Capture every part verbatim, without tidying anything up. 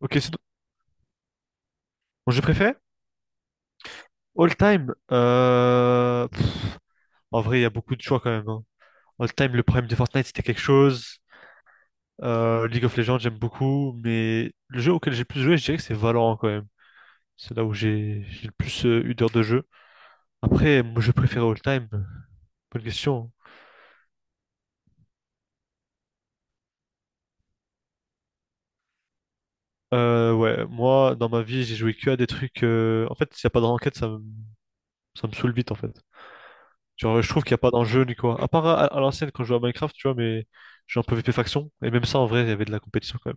Ok, c'est mon jeu préféré? All time. Euh, pff, en vrai, il y a beaucoup de choix quand même, hein. All time, le prime de Fortnite, c'était quelque chose. Euh, League of Legends, j'aime beaucoup. Mais le jeu auquel j'ai le plus joué, je dirais que c'est Valorant quand même. C'est là où j'ai j'ai le plus euh, eu d'heures de jeu. Après, mon jeu préféré all time, bonne question, hein. Euh, ouais, moi, dans ma vie, j'ai joué que à des trucs. euh, En fait, s'il n'y a pas de ranked, ça me... ça me saoule vite en fait. Genre, je trouve qu'il n'y a pas d'enjeu ni quoi. À part à, à l'ancienne quand je jouais à Minecraft, tu vois, mais j'ai un peu V P Faction. Et même ça, en vrai, il y avait de la compétition quand même.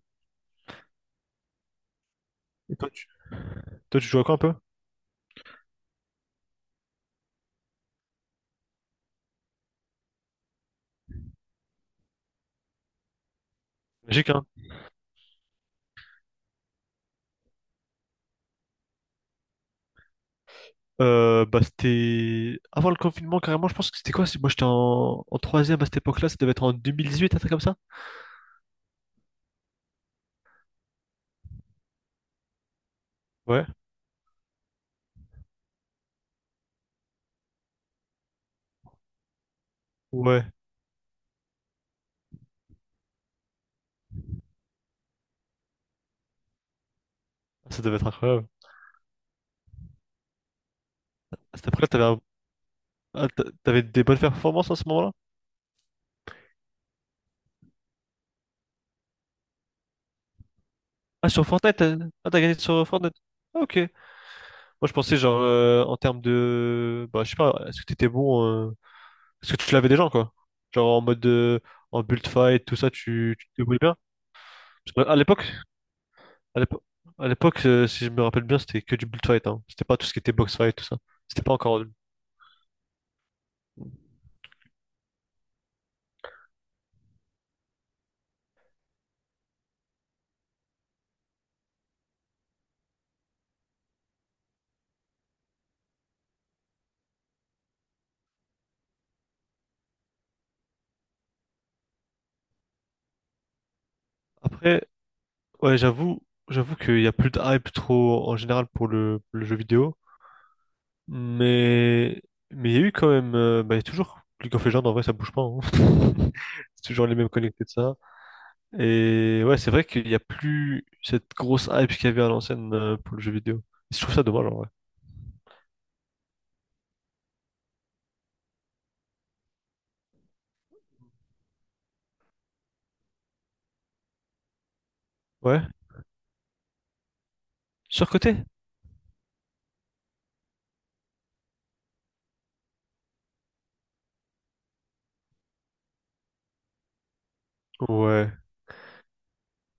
Et toi, tu, toi, tu joues à quoi un peu? Magique, hein? Euh, bah, c'était avant le confinement, carrément. Je pense que c'était quoi? c'est- Moi, j'étais en... en troisième à cette époque-là. Ça devait être en deux mille dix-huit, un truc comme ça? Ouais. Ouais. Ça devait être incroyable. À cette époque-là, t'avais un- ah, t'a- t'avais des bonnes performances à ce moment-là? Ah, sur Fortnite? t'as- Ah, t'as gagné sur Fortnite? Ah, ok. Moi, je pensais, genre, euh, en termes de. Bah, je sais pas, est-ce que t'étais bon? Est-ce que tu l'avais déjà, quoi? Genre en mode de, en build fight, tout ça, tu, tu te débrouilles bien? Parce que à l'époque, à l'époque, à l'époque, euh, si je me rappelle bien, c'était que du build fight, hein. C'était pas tout ce qui était box fight, tout ça. C'était pas encore. Après, ouais, j'avoue, j'avoue qu'il y a plus de hype trop en général pour le, pour le jeu vidéo. Mais mais il y a eu quand même, euh, bah, il y a toujours League of Legends en vrai ça bouge pas, hein. C'est toujours les mêmes connectés de ça. Et ouais, c'est vrai qu'il n'y a plus cette grosse hype qu'il y avait à l'ancienne euh, pour le jeu vidéo. Et je trouve ça dommage en vrai. Ouais. Surcoté? Ouais.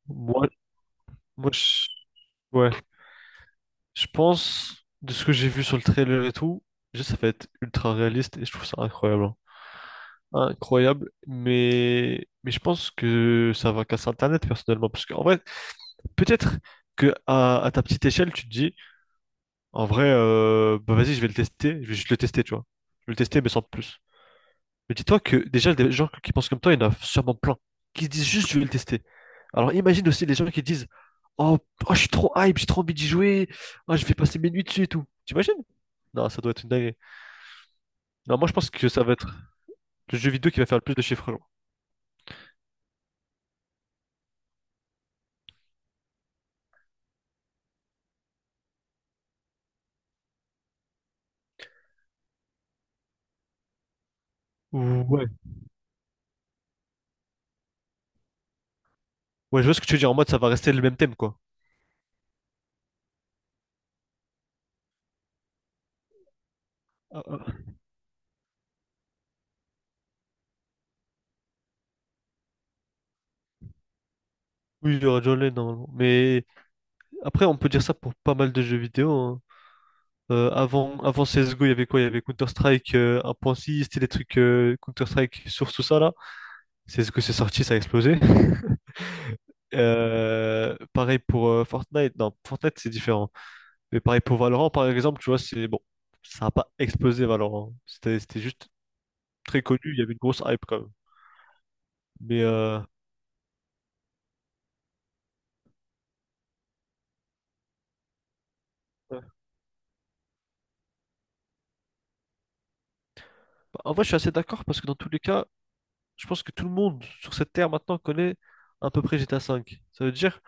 Moi, Moi, je... ouais. Je pense, de ce que j'ai vu sur le trailer et tout, juste ça va être ultra réaliste et je trouve ça incroyable, hein. Incroyable, mais mais je pense que ça va casser Internet personnellement parce qu'en vrai peut-être que à, à ta petite échelle, tu te dis, en vrai, euh, bah vas-y, je vais le tester, je vais juste le tester, tu vois. Je vais le tester, mais sans de plus. Mais dis-toi que déjà, des gens qui pensent comme toi, il y en a sûrement plein, qui se disent juste, je vais le tester. Alors imagine aussi les gens qui disent, oh, oh, je suis trop hype, j'ai trop envie d'y jouer, oh, je vais passer mes nuits dessus et tout. T'imagines? Non, ça doit être une dinguerie. Non, moi je pense que ça va être le jeu vidéo qui va faire le plus de chiffres, genre. Ouais. Ouais, je vois ce que tu veux dire en mode ça va rester le même thème, quoi. Ah, ah. Oui, il y aura déjà online normalement. Mais après, on peut dire ça pour pas mal de jeux vidéo, hein. Euh, avant, avant C S G O, il y avait quoi? Il y avait Counter-Strike euh, un point six, c'était des trucs euh, Counter-Strike sur tout ça là. C S G O, c'est sorti, ça a explosé. Euh, pareil pour euh, Fortnite. Non, Fortnite, c'est différent. Mais pareil pour Valorant, par exemple, tu vois, c'est bon. Ça n'a pas explosé Valorant. C'était, c'était juste très connu, il y avait une grosse hype quand même. Mais euh, ouais. Bah, en vrai, je suis assez d'accord parce que dans tous les cas, je pense que tout le monde sur cette terre maintenant connaît à peu près G T A cinq. Ça veut dire,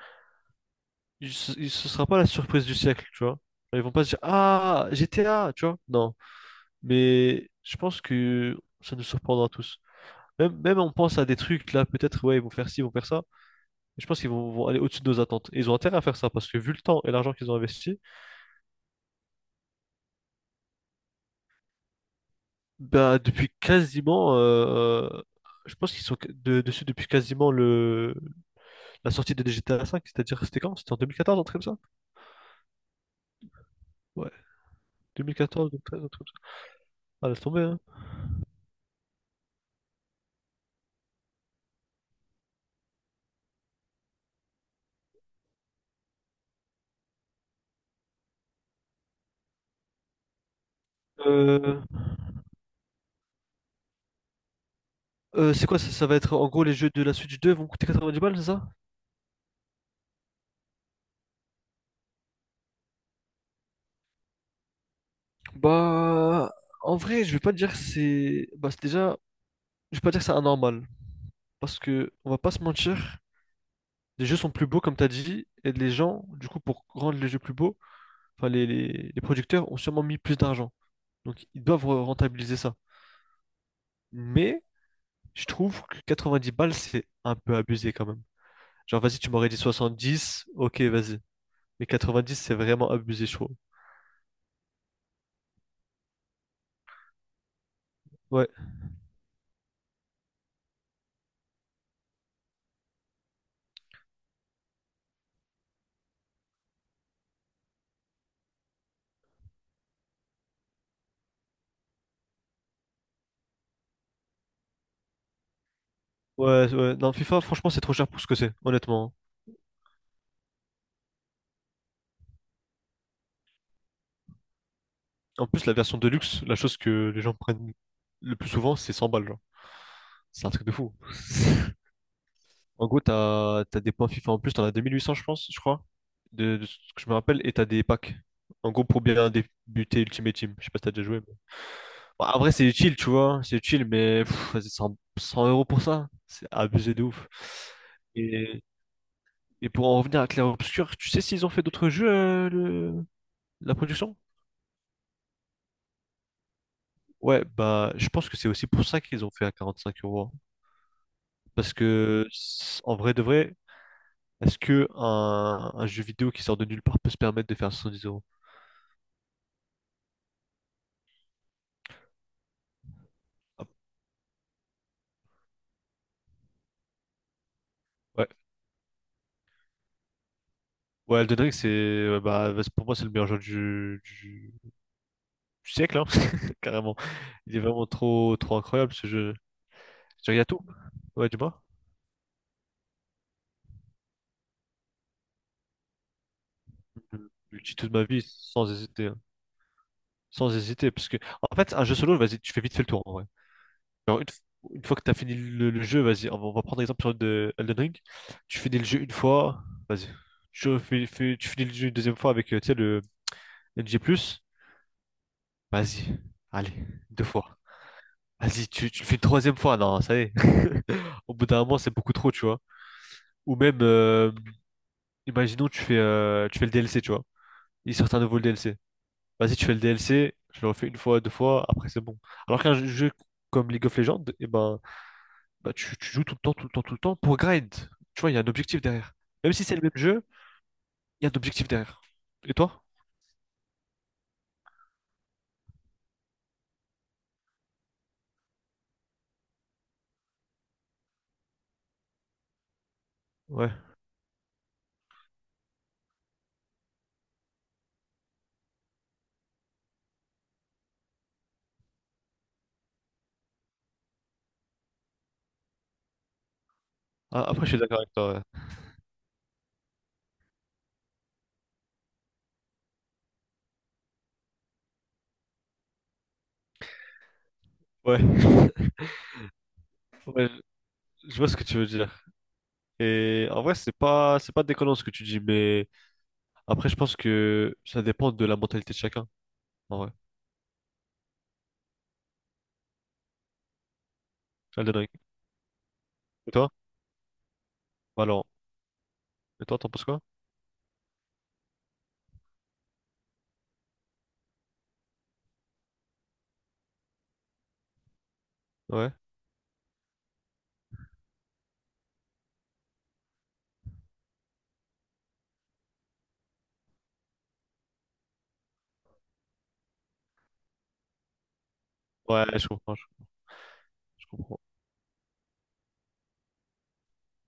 il- ce il- sera pas la surprise du siècle, tu vois. Ils vont pas se dire, ah, G T A, tu vois. Non. Mais je pense que ça nous surprendra tous. Même, même on pense à des trucs, là, peut-être, ouais, ils vont faire ci, ils vont faire ça. Mais je pense qu'ils vont, vont aller au-dessus de nos attentes. Et ils ont intérêt à faire ça, parce que vu le temps et l'argent qu'ils ont investi, bah, depuis quasiment, euh, je pense qu'ils sont de- dessus depuis quasiment le, la sortie de G T A cinq, c'est-à-dire, c'était quand? C'était en deux mille quatorze, un truc comme ça? deux mille quatorze, deux mille treize, un truc comme ça. Ah, laisse tomber, hein. Euh, euh, c'est quoi ça? Ça va être en gros les jeux de la Switch deux vont coûter quatre-vingt-dix balles, c'est ça? Bah, en vrai, je vais pas dire que c'est. Bah, c'est déjà. Je vais pas dire que c'est anormal. Parce que, on va pas se mentir, les jeux sont plus beaux, comme t'as dit, et les gens, du coup, pour rendre les jeux plus beaux, enfin, les, les, les producteurs ont sûrement mis plus d'argent. Donc, ils doivent re- rentabiliser ça. Mais, je trouve que quatre-vingt-dix balles, c'est un peu abusé quand même. Genre, vas-y, tu m'aurais dit soixante-dix, ok, vas-y. Mais quatre-vingt-dix, c'est vraiment abusé, je trouve. Ouais, ouais, ouais. Non, FIFA, franchement, c'est trop cher pour ce que c'est, honnêtement, hein. En plus, la version Deluxe, la chose que les gens prennent le plus souvent, c'est cent balles, genre. C'est un truc de fou. En gros, t'as, t'as des points FIFA en plus, t'en as deux mille huit cents, je pense, je crois, de, de ce que je me rappelle, et t'as des packs. En gros, pour bien débuter Ultimate Team. Je sais pas si t'as déjà joué mais- Bon, après, c'est utile, tu vois, c'est utile, mais pff, vas-y, cent cent euros pour ça, c'est abusé de ouf. Et Et pour en revenir à Clair Obscur, tu sais s'ils ont fait d'autres jeux, euh, le- la production? Ouais, bah, je pense que c'est aussi pour ça qu'ils ont fait à quarante-cinq euros, hein. Parce que, s- en vrai de vrai, est-ce que un, un jeu vidéo qui sort de nulle part peut se permettre de faire dix euros? Ah, ouais, ouais, Elden Ring, c'est, euh, bah, bah, c'est- pour moi, c'est le meilleur jeu du, du- du siècle, hein, carrément. Il est vraiment trop, trop incroyable ce jeu. Tu regardes tout? Ouais, dis-moi. Je je dis toute ma vie sans hésiter, hein. Sans hésiter, parce que en fait, un jeu solo, vas-y, tu fais vite fait le tour. En vrai. Genre, une, f- une fois que tu as fini le, le jeu, vas-y, on va, on va prendre exemple sur de Elden Ring. Tu finis le jeu une fois, vas-y. Tu, refais- fais- tu finis le jeu une deuxième fois avec, euh, tu sais, le N G plus, vas-y, allez, deux fois. Vas-y, tu, tu le fais une troisième fois, non, ça y est. Au bout d'un moment, c'est beaucoup trop, tu vois. Ou même, euh, imaginons, tu fais, euh, tu fais le D L C, tu vois. Ils sortent un nouveau le D L C. Vas-y, tu fais le D L C, je le refais une fois, deux fois, après c'est bon. Alors qu'un jeu comme League of Legends, eh ben, bah, tu, tu joues tout le temps, tout le temps, tout le temps pour grind. Tu vois, il y a un objectif derrière. Même si c'est le même jeu, il y a un objectif derrière. Et toi? Ouais. Ah, après, je suis d'accord avec toi. Ouais. Ouais. Ouais, je vois ce que tu veux dire. Et en vrai, c'est pas, c'est pas déconnant ce que tu dis, mais après, je pense que ça dépend de la mentalité de chacun. En vrai. Elden Ring. Et toi? Alors, et toi, t'en penses quoi? Ouais. Ouais, je comprends, je je comprends.